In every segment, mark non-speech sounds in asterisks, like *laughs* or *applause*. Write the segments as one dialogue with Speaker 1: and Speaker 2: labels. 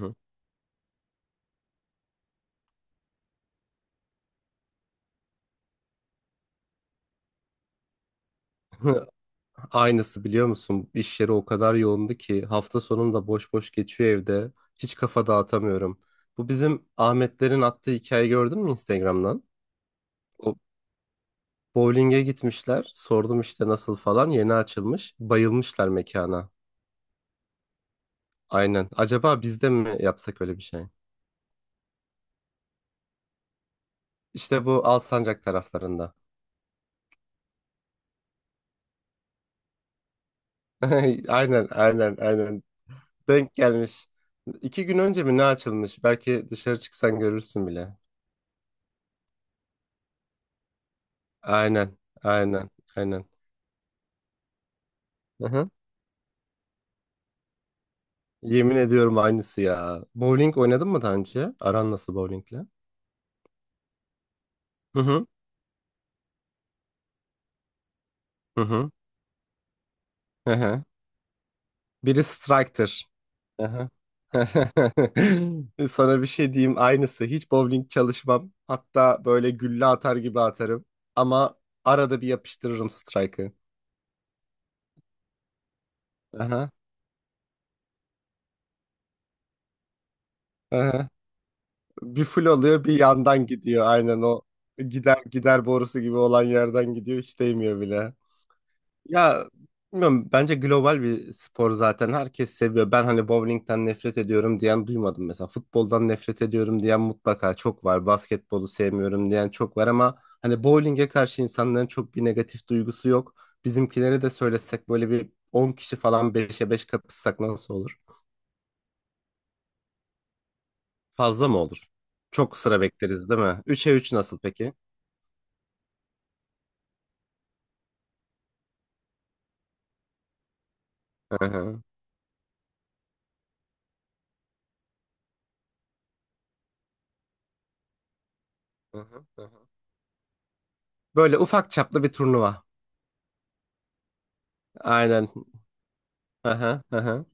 Speaker 1: Hı. *laughs* Aynısı biliyor musun? İş yeri o kadar yoğundu ki hafta sonum da boş boş geçiyor evde. Hiç kafa dağıtamıyorum. Bu bizim Ahmetlerin attığı hikaye gördün mü Instagram'dan? O bowling'e gitmişler. Sordum işte nasıl falan. Yeni açılmış. Bayılmışlar mekana. Aynen. Acaba biz de mi yapsak öyle bir şey? İşte bu Alsancak taraflarında. *laughs* Aynen, aynen, aynen. Denk gelmiş. İki gün önce mi ne açılmış? Belki dışarı çıksan görürsün bile. Aynen. Aynen. Aynen. Hı-hı. Yemin ediyorum aynısı ya. Bowling oynadın mı daha önce? Aran nasıl bowlingle? Hı-hı. Hı-hı. Hı-hı. Biri striker. Hı-hı. *laughs* Sana bir şey diyeyim aynısı. Hiç bowling çalışmam. Hatta böyle gülle atar gibi atarım. Ama arada bir yapıştırırım strike'ı. Aha, aha. Bir full oluyor bir yandan gidiyor. Aynen o gider gider borusu gibi olan yerden gidiyor. Hiç değmiyor bile. Ya bilmiyorum bence global bir spor zaten herkes seviyor. Ben hani bowlingden nefret ediyorum diyen duymadım mesela. Futboldan nefret ediyorum diyen mutlaka çok var. Basketbolu sevmiyorum diyen çok var ama hani bowlinge karşı insanların çok bir negatif duygusu yok. Bizimkilere de söylesek böyle bir 10 kişi falan 5'e 5 kapışsak nasıl olur? Fazla mı olur? Çok sıra bekleriz değil mi? 3'e 3 nasıl peki? Hı hı, hı hı, hı hı. Böyle ufak çaplı bir turnuva. Aynen. Hı hı, hı hı.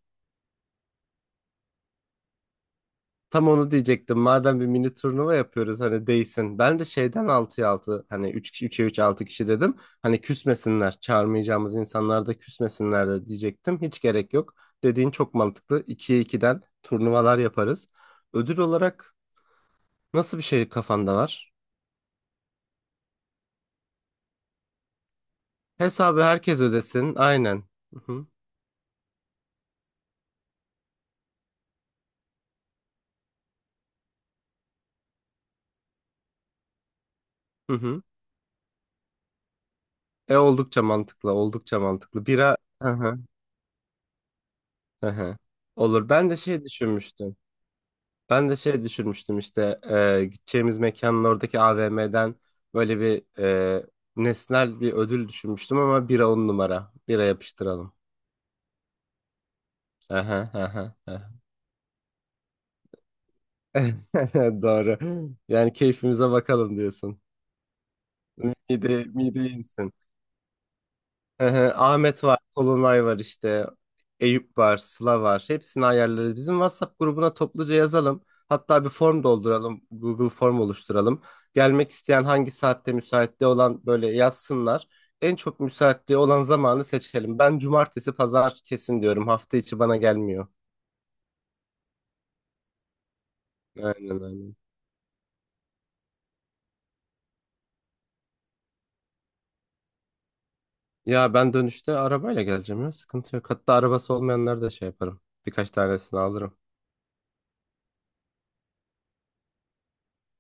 Speaker 1: Tam onu diyecektim. Madem bir mini turnuva yapıyoruz hani değsin. Ben de şeyden 6'ya 6 hani 3 kişi 3'e 3 6 kişi dedim. Hani küsmesinler. Çağırmayacağımız insanlar da küsmesinler de diyecektim. Hiç gerek yok. Dediğin çok mantıklı. 2'ye 2'den turnuvalar yaparız. Ödül olarak nasıl bir şey kafanda var? Hesabı herkes ödesin. Aynen. Hı hı. Hı hı. E oldukça mantıklı. Oldukça mantıklı. Bira. Hı hı. Hı hı. Olur. Ben de şey düşünmüştüm. Ben de şey düşünmüştüm işte gideceğimiz mekanın oradaki AVM'den böyle bir nesnel bir ödül düşünmüştüm ama bira on numara. Bira yapıştıralım. Aha, aha, aha. *laughs* Doğru. Yani keyfimize bakalım diyorsun. Mide, mide insin. Hı hı, Ahmet var, Kolunay var işte, Eyüp var, Sıla var. Hepsini ayarlarız. Bizim WhatsApp grubuna topluca yazalım. Hatta bir form dolduralım, Google form oluşturalım. Gelmek isteyen hangi saatte müsaitliği olan böyle yazsınlar. En çok müsaitliği olan zamanı seçelim. Ben cumartesi, pazar kesin diyorum. Hafta içi bana gelmiyor. Aynen aynen. Ya ben dönüşte arabayla geleceğim ya. Sıkıntı yok. Hatta arabası olmayanları da şey yaparım. Birkaç tanesini alırım.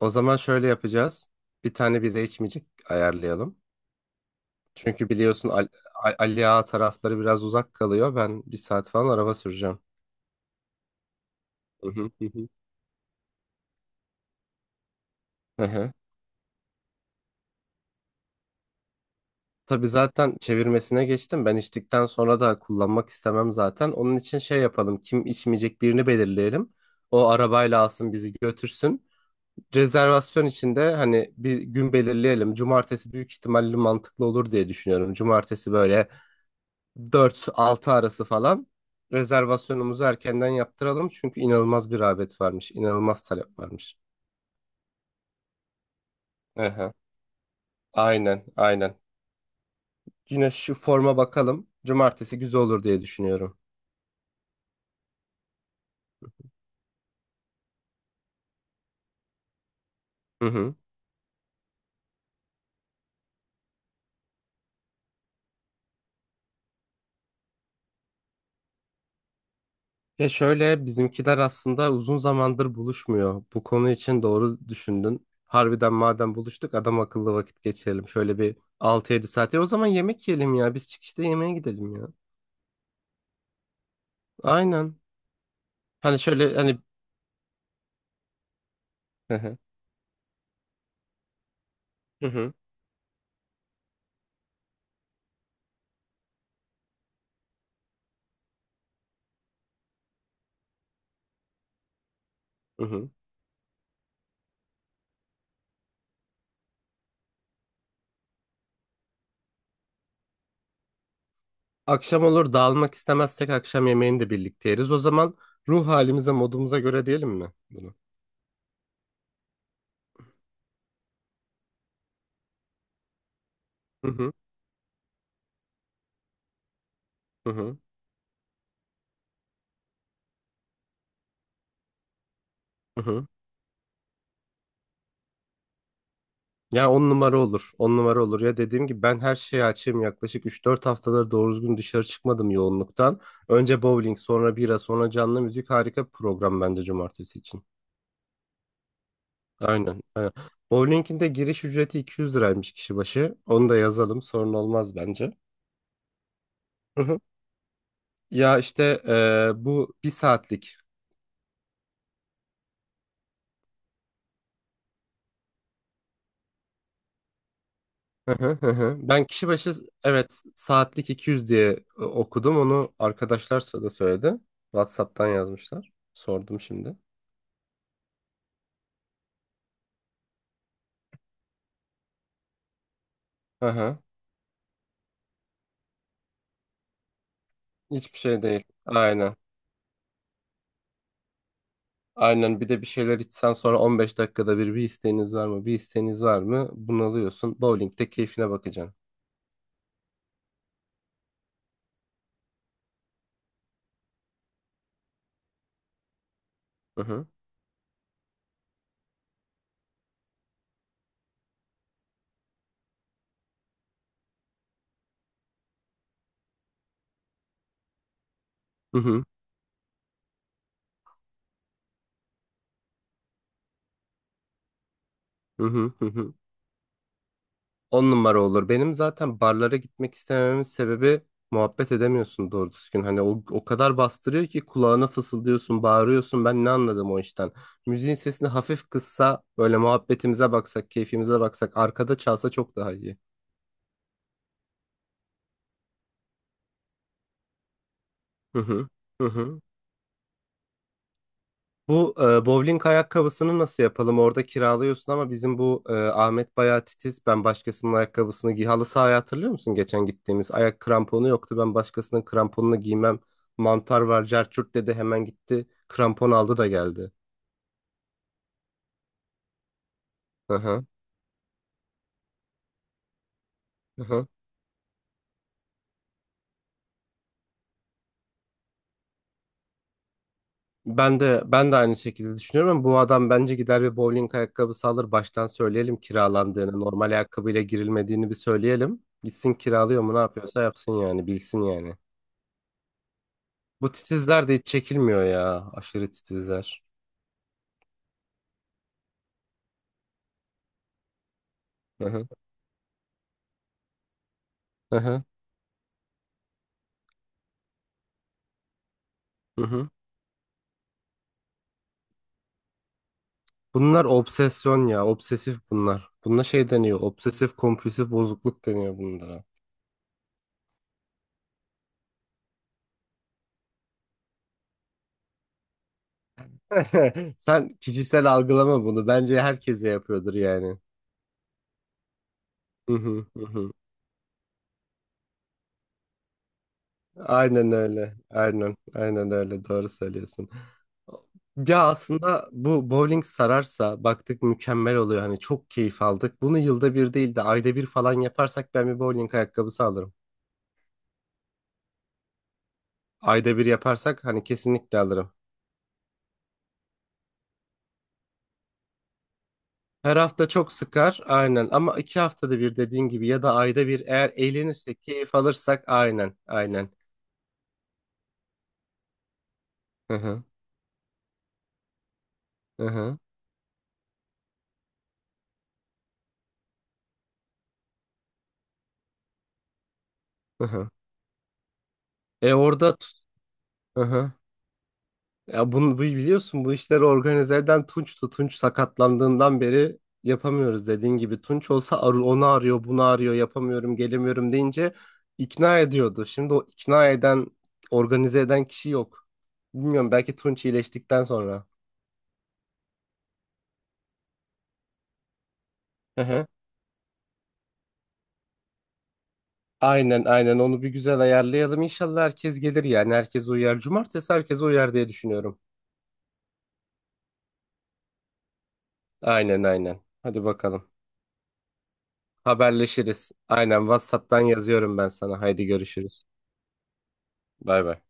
Speaker 1: O zaman şöyle yapacağız. Bir tane bira içmeyecek ayarlayalım. Çünkü biliyorsun Ali Ağa tarafları biraz uzak kalıyor. Ben bir saat falan araba süreceğim. Hı hı hı hı. Hı hı. Tabii zaten çevirmesine geçtim. Ben içtikten sonra da kullanmak istemem zaten. Onun için şey yapalım. Kim içmeyecek birini belirleyelim. O arabayla alsın bizi götürsün. Rezervasyon için de hani bir gün belirleyelim. Cumartesi büyük ihtimalle mantıklı olur diye düşünüyorum. Cumartesi böyle 4-6 arası falan rezervasyonumuzu erkenden yaptıralım. Çünkü inanılmaz bir rağbet varmış. İnanılmaz talep varmış. Aha, aynen aynen. Yine şu forma bakalım. Cumartesi güzel olur diye düşünüyorum. Hı hı. Ya şöyle bizimkiler aslında uzun zamandır buluşmuyor. Bu konu için doğru düşündün. Harbiden madem buluştuk adam akıllı vakit geçirelim. Şöyle bir 6-7 saat. Ya o zaman yemek yiyelim ya. Biz çıkışta yemeğe gidelim ya. Aynen. Hani şöyle hani... Hı hı. Hı hı. Hı hı. Akşam olur dağılmak istemezsek akşam yemeğini de birlikte yeriz. O zaman ruh halimize, modumuza göre diyelim mi bunu? Hı hı hı hı. Hı hı. Ya on numara olur. On numara olur. Ya dediğim gibi ben her şeye açığım. Yaklaşık 3-4 haftadır doğru düzgün dışarı çıkmadım yoğunluktan. Önce bowling, sonra bira, sonra canlı müzik harika bir program bence cumartesi için. Aynen. Aynen. Bowling'in de giriş ücreti 200 liraymış kişi başı. Onu da yazalım. Sorun olmaz bence. Hı hı. Ya işte bu bir saatlik. Hı hı hı hı. Ben kişi başı evet saatlik 200 diye okudum. Onu arkadaşlar da söyledi. WhatsApp'tan yazmışlar. Sordum şimdi. Hı hı. Hiçbir şey değil. Aynen. Aynen bir de bir şeyler içsen sonra 15 dakikada bir bir isteğiniz var mı? Bir isteğiniz var mı? Bunalıyorsun. Bowling'de keyfine bakacaksın. Hı hı. Hı hı. Hı hı. Hı hı. On numara olur. Benim zaten barlara gitmek istemememin sebebi muhabbet edemiyorsun doğru düzgün. Hani o, o kadar bastırıyor ki kulağına fısıldıyorsun, bağırıyorsun. Ben ne anladım o işten? Müziğin sesini hafif kıssa, böyle muhabbetimize baksak, keyfimize baksak, arkada çalsa çok daha iyi. Hı hı. Hı hı. Bu bowling ayakkabısını nasıl yapalım? Orada kiralıyorsun ama bizim bu Ahmet bayağı titiz. Ben başkasının ayakkabısını giy. Halı sahaya hatırlıyor musun geçen gittiğimiz? Ayak kramponu yoktu. Ben başkasının kramponunu giymem. Mantar var, cerçürt dedi. Hemen gitti. Krampon aldı da geldi. Hı hı. Hı hı. Ben de ben de aynı şekilde düşünüyorum ama bu adam bence gider bir bowling ayakkabısı alır. Baştan söyleyelim kiralandığını, normal ayakkabıyla girilmediğini bir söyleyelim. Gitsin kiralıyor mu ne yapıyorsa yapsın yani bilsin yani. Bu titizler de hiç çekilmiyor ya. Aşırı titizler. Hı hı. Hı hı. Hı hı. Bunlar obsesyon ya. Obsesif bunlar. Buna şey deniyor. Obsesif kompulsif bozukluk deniyor bunlara. *laughs* Sen kişisel algılama bunu. Bence herkese yapıyordur yani. Hı hı. Hı hı. Aynen öyle. Aynen. Aynen öyle. Doğru söylüyorsun. Ya aslında bu bowling sararsa baktık mükemmel oluyor. Hani çok keyif aldık. Bunu yılda bir değil de ayda bir falan yaparsak ben bir bowling ayakkabısı alırım. Ayda bir yaparsak hani kesinlikle alırım. Her hafta çok sıkar aynen ama 2 haftada bir dediğin gibi ya da ayda bir eğer eğlenirsek keyif alırsak aynen aynen. Hı hı hı hı. Hı hı. E orada hı hı. Ya bunu biliyorsun bu işleri organize eden Tunç'tu. Tunç sakatlandığından beri yapamıyoruz dediğin gibi. Tunç olsa onu arıyor bunu arıyor yapamıyorum gelemiyorum deyince ikna ediyordu. Şimdi o ikna eden organize eden kişi yok. Bilmiyorum belki Tunç iyileştikten sonra. Aynen aynen onu bir güzel ayarlayalım. İnşallah herkes gelir yani herkes uyar. Cumartesi herkes uyar diye düşünüyorum. Aynen aynen. Hadi bakalım. Haberleşiriz. Aynen WhatsApp'tan yazıyorum ben sana. Haydi görüşürüz. Bay bay.